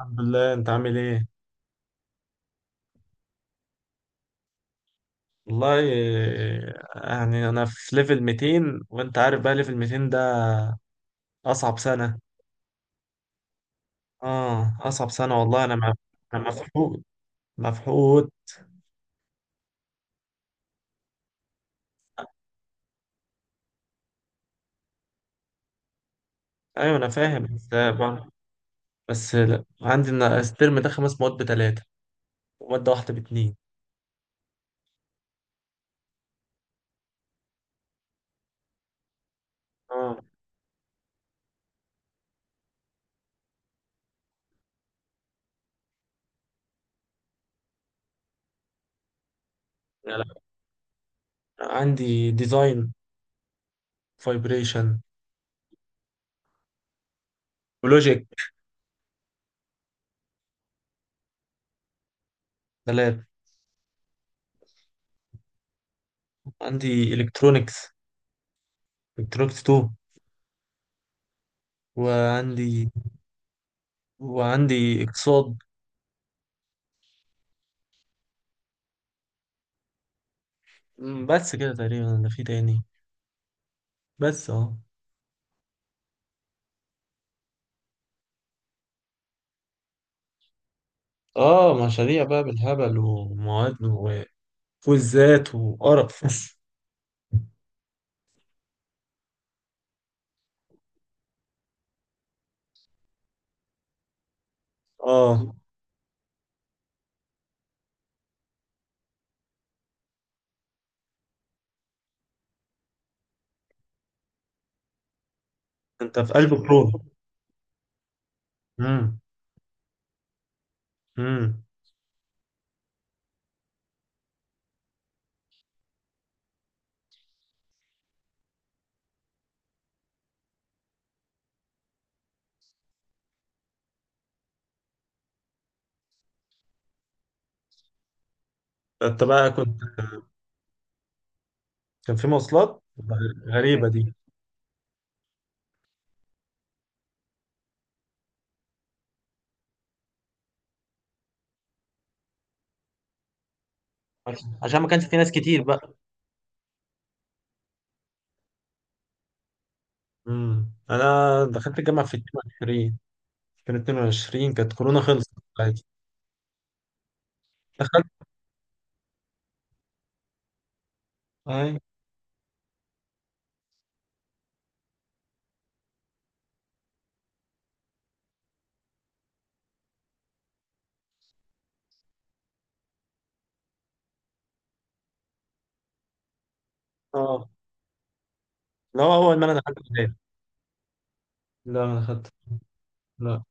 الحمد لله، انت عامل ايه؟ والله، يعني انا في ليفل 200، وانت عارف بقى ليفل 200 ده اصعب سنة. اه، اصعب سنة والله. انا مفحوط مفحوط. ايوه، انا فاهم. بس لا، عندي انا الترم ده خمس مواد بتلاتة ومادة واحدة باتنين. اه. لا لا، عندي ديزاين، فايبريشن، ولوجيك. تلات. عندي الكترونكس، الكترونكس 2. وعندي وعندي اقتصاد. بس كده تقريبا انا في تاني. بس اه. اه، مشاريع بقى بالهبل ومواد وكويزات وقرف اه، انت في قلب وشغل البروف. امم. امم. انت بقى كنت. كان في مواصلات. غريبة دي. عشان ما كانش في ناس كتير بقى. انا دخلت الجامعة في 22. كان 22، كانت كورونا خلصت. عادي. دخلت. اي. اه. لا، اول ما انا دخلت كلية. لا، ما دخلت. لا.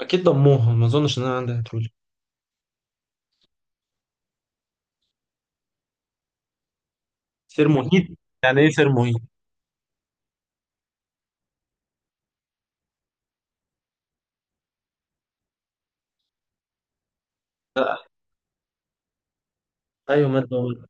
اكيد ضموها، ما اظنش ان انا عندي، هتقول. سير مهيد. يعني ايه سير مهيد؟ ايوه، ماده.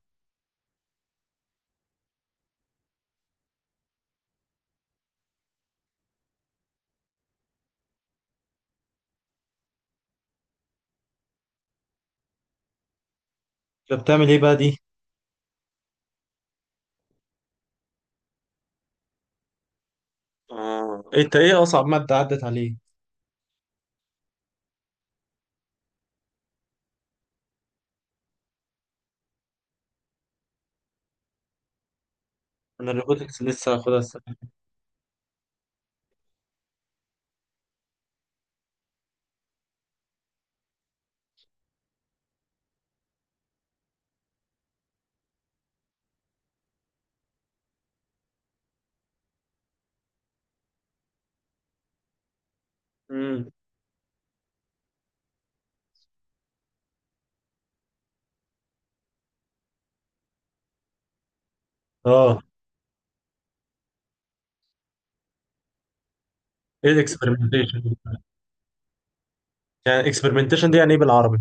طب بتعمل ايه بقى دي؟ آه. انت ايه اصعب مادة عدت عليه؟ انا الروبوتكس لسه هاخدها السنة. امم. اه. ايه الاكسبeriمنتيشن؟ يعني الاكسبeriمنتيشن دي يعني ايه بالعربي؟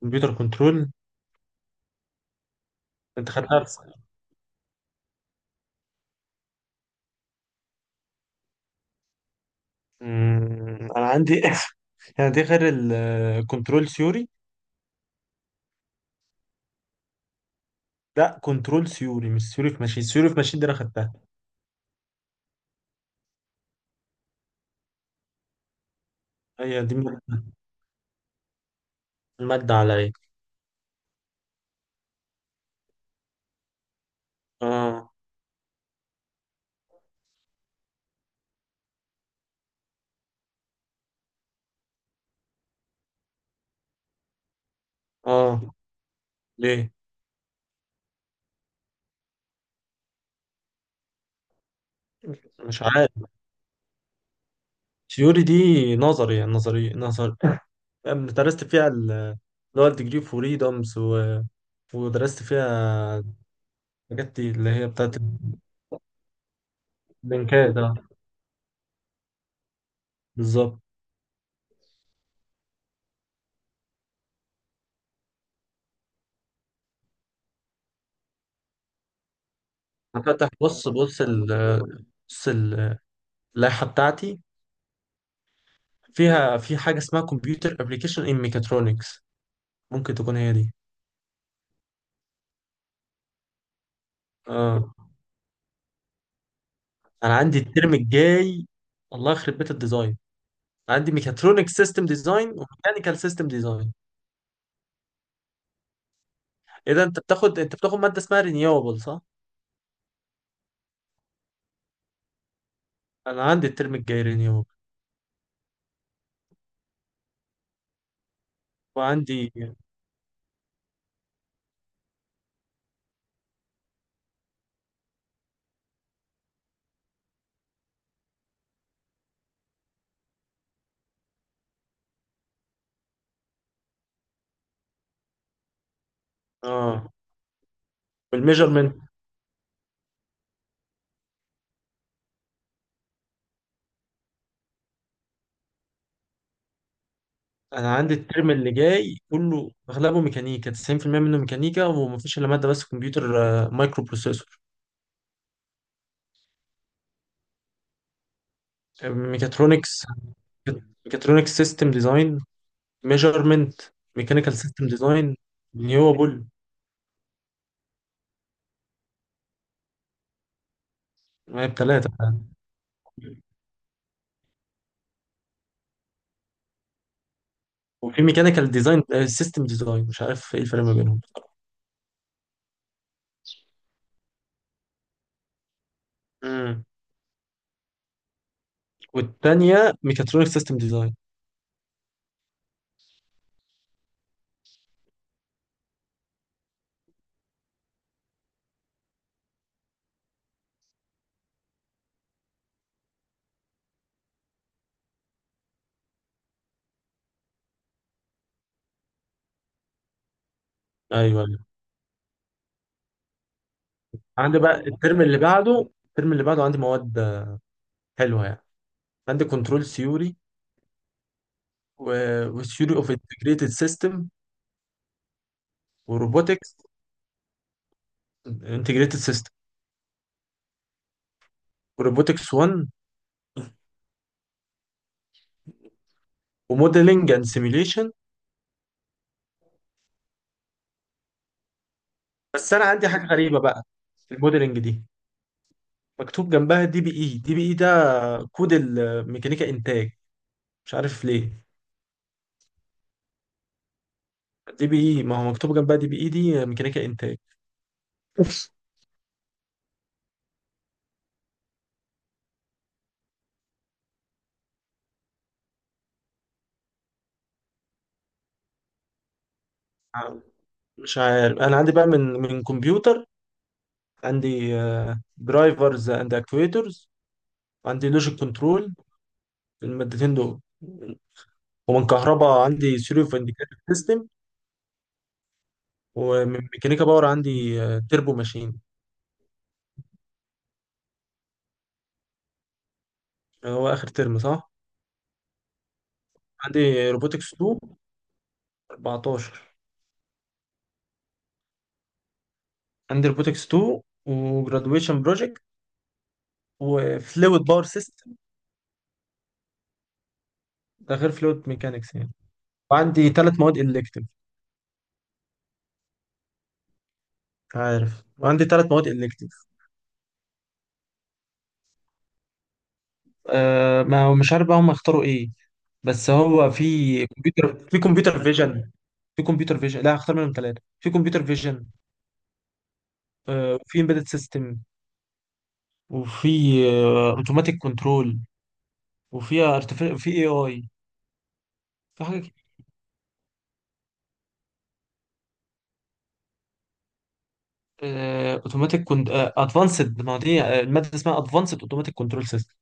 كمبيوتر كنترول. انت خدتها في سنة. انا عندي يعني دي غير الكنترول ثيوري. لا، كنترول ثيوري مش ثيوري في ماشين. ثيوري في ماشين دي انا خدتها. هي دي المادة، المادة عليا. اه. اه. ليه؟ مش عارف. ثيوري دي نظري، يعني نظري نظري. درست فيها اللي هو الديجري فريدومز، و... ودرست فيها الحاجات دي اللي هي بتاعت اللينكات. اه، بالظبط. هفتح. بص بص بص ال- اللائحة بتاعتي. فيها في حاجة اسمها كمبيوتر ابلكيشن ان ميكاترونكس، ممكن تكون هي دي. اه، انا عندي الترم الجاي، الله يخرب بيت الديزاين. عندي ميكاترونيك سيستم ديزاين وميكانيكال سيستم ديزاين. اذا انت بتاخد مادة اسمها رينيوبل، صح؟ انا عندي الترم الجاي رينيوبل. وعندي اه والميجرمنت. انا عندي الترم اللي جاي كله اغلبه ميكانيكا، 90% منه ميكانيكا، ومفيش الا ماده بس كمبيوتر، مايكرو بروسيسور. ميكاترونكس، ميكاترونكس سيستم ديزاين، ميجرمنت، ميكانيكال سيستم ديزاين، رينيوبل. ما هي بتلاتة. وفي ميكانيكال ديزاين سيستم ديزاين، مش عارف ايه الفرق ما بينهم. امم والتانية ميكاترونيك سيستم ديزاين. ايوه، ايوه. عندي بقى الترم اللي بعده، الترم اللي بعده عندي مواد حلوه يعني. عندي كنترول ثيوري وثيوري اوف انتجريتد سيستم وروبوتكس، انتجريتد سيستم وروبوتكس 1 وموديلنج اند سيميليشن. بس انا عندي حاجه غريبه بقى في الموديلنج دي، مكتوب جنبها دي بي اي. دي بي اي ده كود الميكانيكا انتاج، مش عارف ليه. دي بي اي، ما هو مكتوب جنبها دي بي اي دي ميكانيكا انتاج. مش عارف. انا عندي بقى من كمبيوتر، عندي درايفرز اند اكتويترز، وعندي لوجيك كنترول. المادتين دول. ومن كهرباء عندي ثيوري اوف انديكيتور. ومن ميكانيكا باور عندي تربو ماشين. هو آخر ترم صح؟ عندي روبوتكس 2. 14. عندي روبوتكس 2 وجرادويشن بروجكت وفلويد باور سيستم. ده غير فلويد ميكانكس يعني. وعندي ثلاث مواد إلكتيف. عارف، وعندي ثلاث مواد إلكتيف. أه، ما هو مش عارف بقى هم اختاروا ايه. بس هو في كمبيوتر فيجن. في كمبيوتر فيجن، لا، هختار منهم ثلاثة. في كمبيوتر فيجن، أه، وفي امبيدد سيستم، وفي اوتوماتيك كنترول، وفيها ارتفيع في اي اي. في حاجه اوتوماتيك كنت ادفانسد، ما دي الماده اسمها ادفانسد اوتوماتيك كنترول سيستم.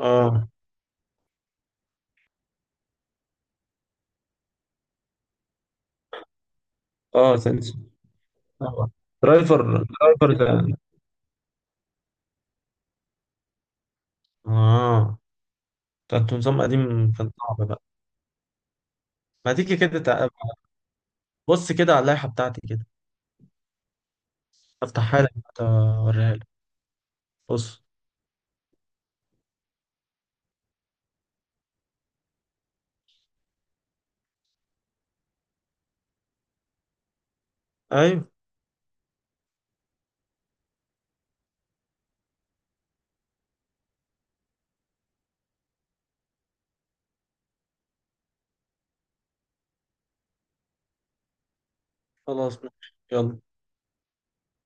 اه. اه. سنسور. آه. درايفر درايفر ده. اه، ده انت نظام قديم كان صعب بقى. ما تيجي كده بص كده على اللائحة بتاعتي كده. افتحها لك، أنت أوريها لك. بص. ايوه، خلاص ماشي. يلا.